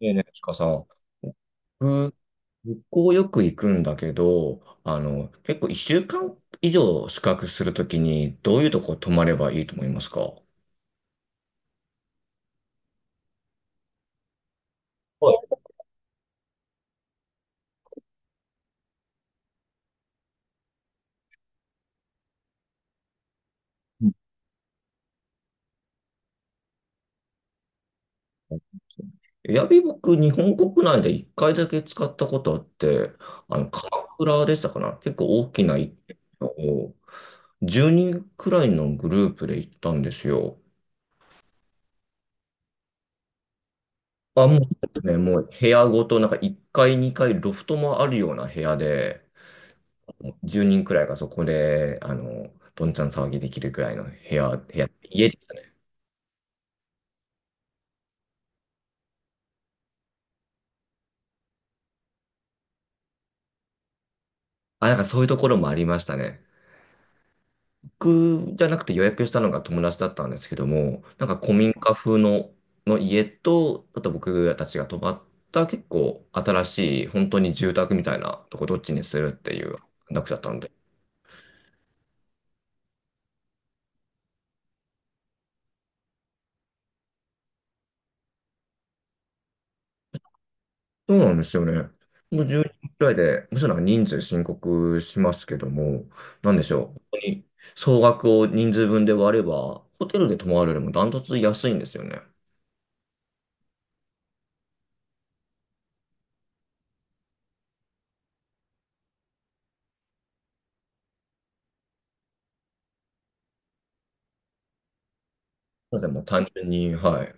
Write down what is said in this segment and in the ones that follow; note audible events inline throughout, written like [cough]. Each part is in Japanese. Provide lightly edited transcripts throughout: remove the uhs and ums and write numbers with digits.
ねえねえ、ちかさん、旅行よく行くんだけど、結構1週間以上宿泊するときに、どういうとこ泊まればいいと思いますか？はい。うん。エアビー僕、日本国内で1回だけ使ったことあって、鎌倉でしたかな、結構大きな一軒家を、10人くらいのグループで行ったんですよ。あ、もう、ね、もう部屋ごと、なんか1階、2階、ロフトもあるような部屋で、もう10人くらいがそこで、どんちゃん騒ぎできるくらいの部屋、部屋、家でしたね。あ、なんかそういうところもありましたね。僕じゃなくて予約したのが友達だったんですけども、なんか古民家風の家と、あと僕たちが泊まった結構新しい、本当に住宅みたいなとこ、どっちにするっていう話だったので、そうなんですよね。もう10人くらいで、むしろなんか人数申告しますけども、なんでしょう、本当に総額を人数分で割れば、ホテルで泊まるよりもダントツ安いんですよね。そうですね、もう単純に、はい。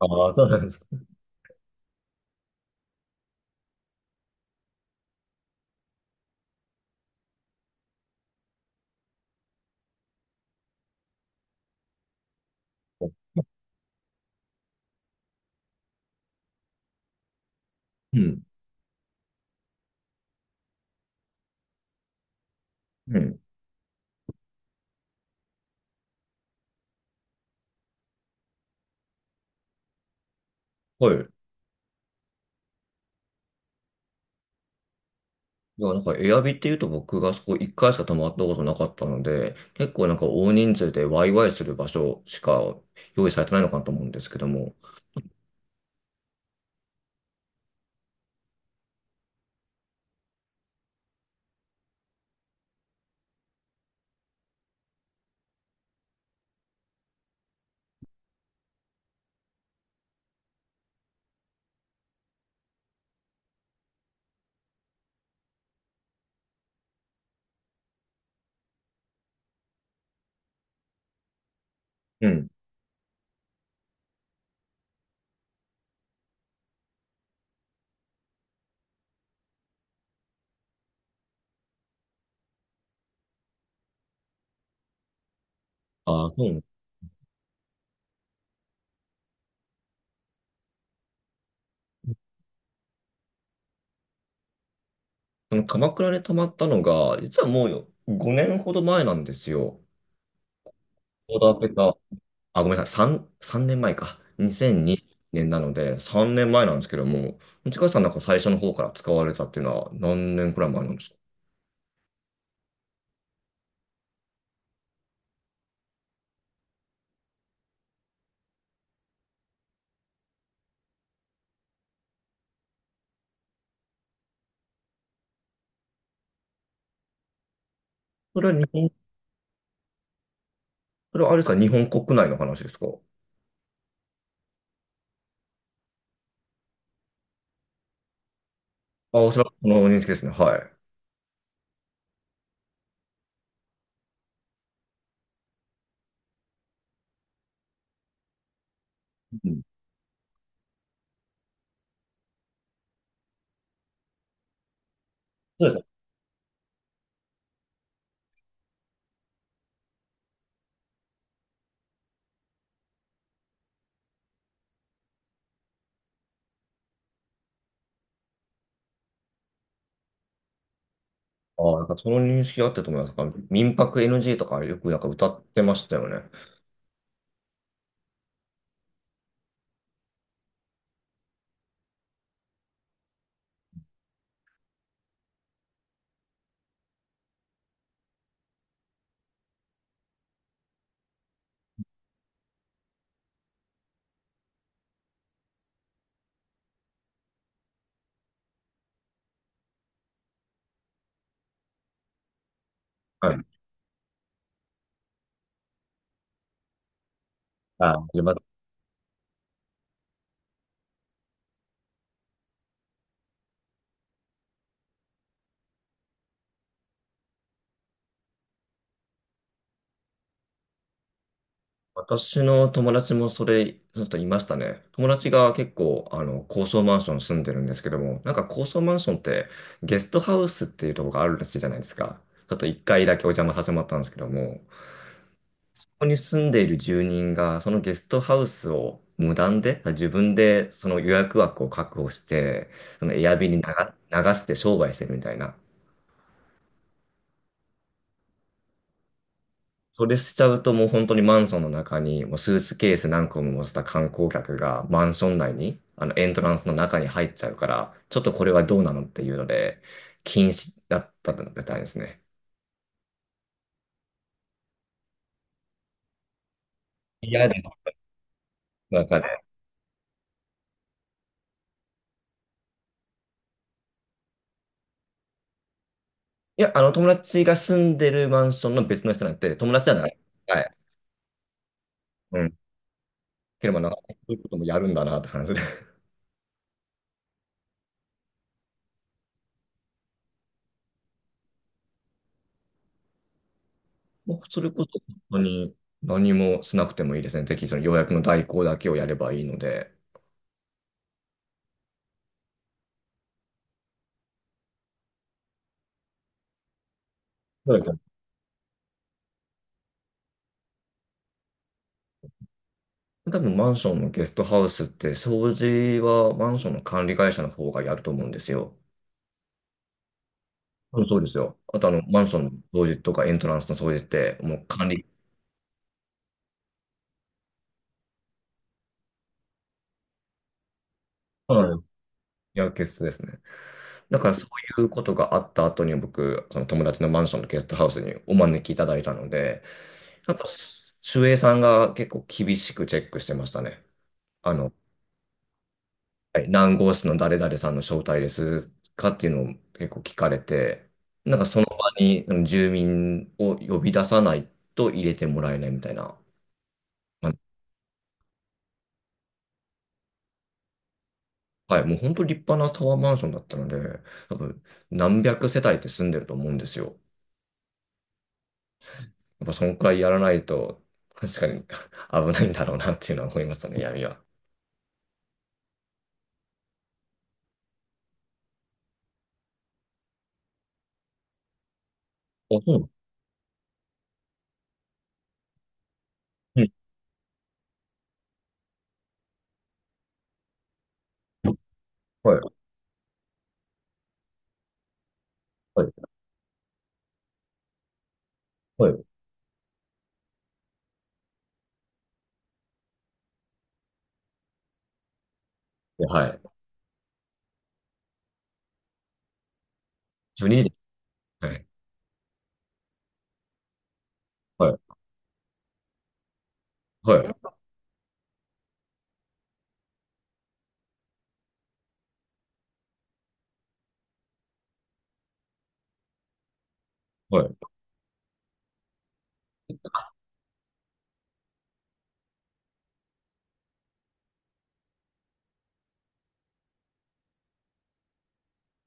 ああ、そうなんですか。うん。うん。はい。いや、なんか、エアビっていうと僕がそこ1回しか泊まったことなかったので、結構なんか大人数でワイワイする場所しか用意されてないのかなと思うんですけども。うん。ああ、そう。その鎌倉に泊まったのが、実はもう5年ほど前なんですよ。ちょけた、あ、ごめんなさい、3年前か。2002年なので、3年前なんですけども、内川さんなんか最初の方から使われたっていうのは何年くらい前なんですか？それは日本、それはあれですか、日本国内の話ですか？あ、おそらくその認識ですね。はい。うん、そうですね。あ、なんかその認識あったと思います。なんか民泊 NG とかよくなんか歌ってましたよね。はい。あ、始まっ私の友達もそれ、その人いましたね。友達が結構、高層マンション住んでるんですけども、なんか高層マンションってゲストハウスっていうところがあるらしいじゃないですか。ちょっと一回だけお邪魔させてもらったんですけども、ここに住んでいる住人が、そのゲストハウスを無断で、自分でその予約枠を確保して、そのエアビに流して商売してるみたいな。それしちゃうともう本当にマンションの中にもうスーツケース何個も持った観光客がマンション内に、あのエントランスの中に入っちゃうから、ちょっとこれはどうなのっていうので禁止だったみたいですね。嫌です。なんかね、いや、あの友達が住んでるマンションの別の人、なんて友達じゃない。はい。うん。ければなんかそういうこともやるんだなって感じで。[laughs] もうそれこそ本当に何もしなくてもいいですね。適宜その予約の代行だけをやればいいので。多分マンションのゲストハウスって掃除はマンションの管理会社の方がやると思うんですよ。うん、そうですよ。あとマンションの掃除とかエントランスの掃除ってもう管理、はい、やるケや、決ですね。だからそういうことがあった後に僕、その友達のマンションのゲストハウスにお招きいただいたので、やっぱ守衛さんが結構厳しくチェックしてましたね。あの、はい、何号室の誰々さんの招待ですかっていうのを結構聞かれて、なんかその場にうん、住民を呼び出さないと入れてもらえないみたいな。あ、はい、もう本当立派なタワーマンションだったので、多分何百世帯って住んでると思うんですよ。やっぱそのくらいやらないと、確かに [laughs] 危ないんだろうなっていうのは思いましたね、闇は。あ、そうなの。うん。はい、はい、はい。はい。12時。じゅうにじです。はい、はい、はい、はい。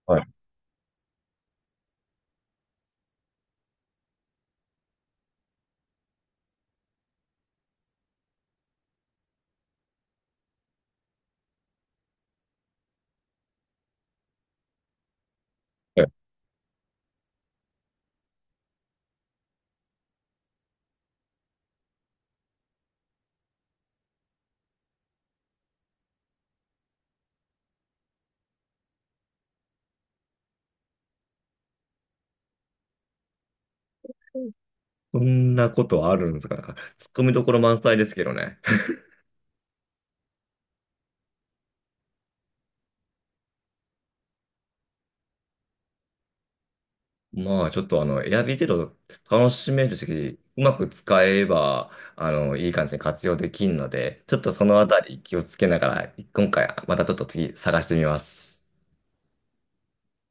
はい。そんなことあるんですか。なんか、ツッコミどころ満載ですけどね。[laughs] まあ、ちょっと選び程度楽しめるし、うまく使えば、いい感じに活用できるので、ちょっとそのあたり気をつけながら、今回、またちょっと次探してみます。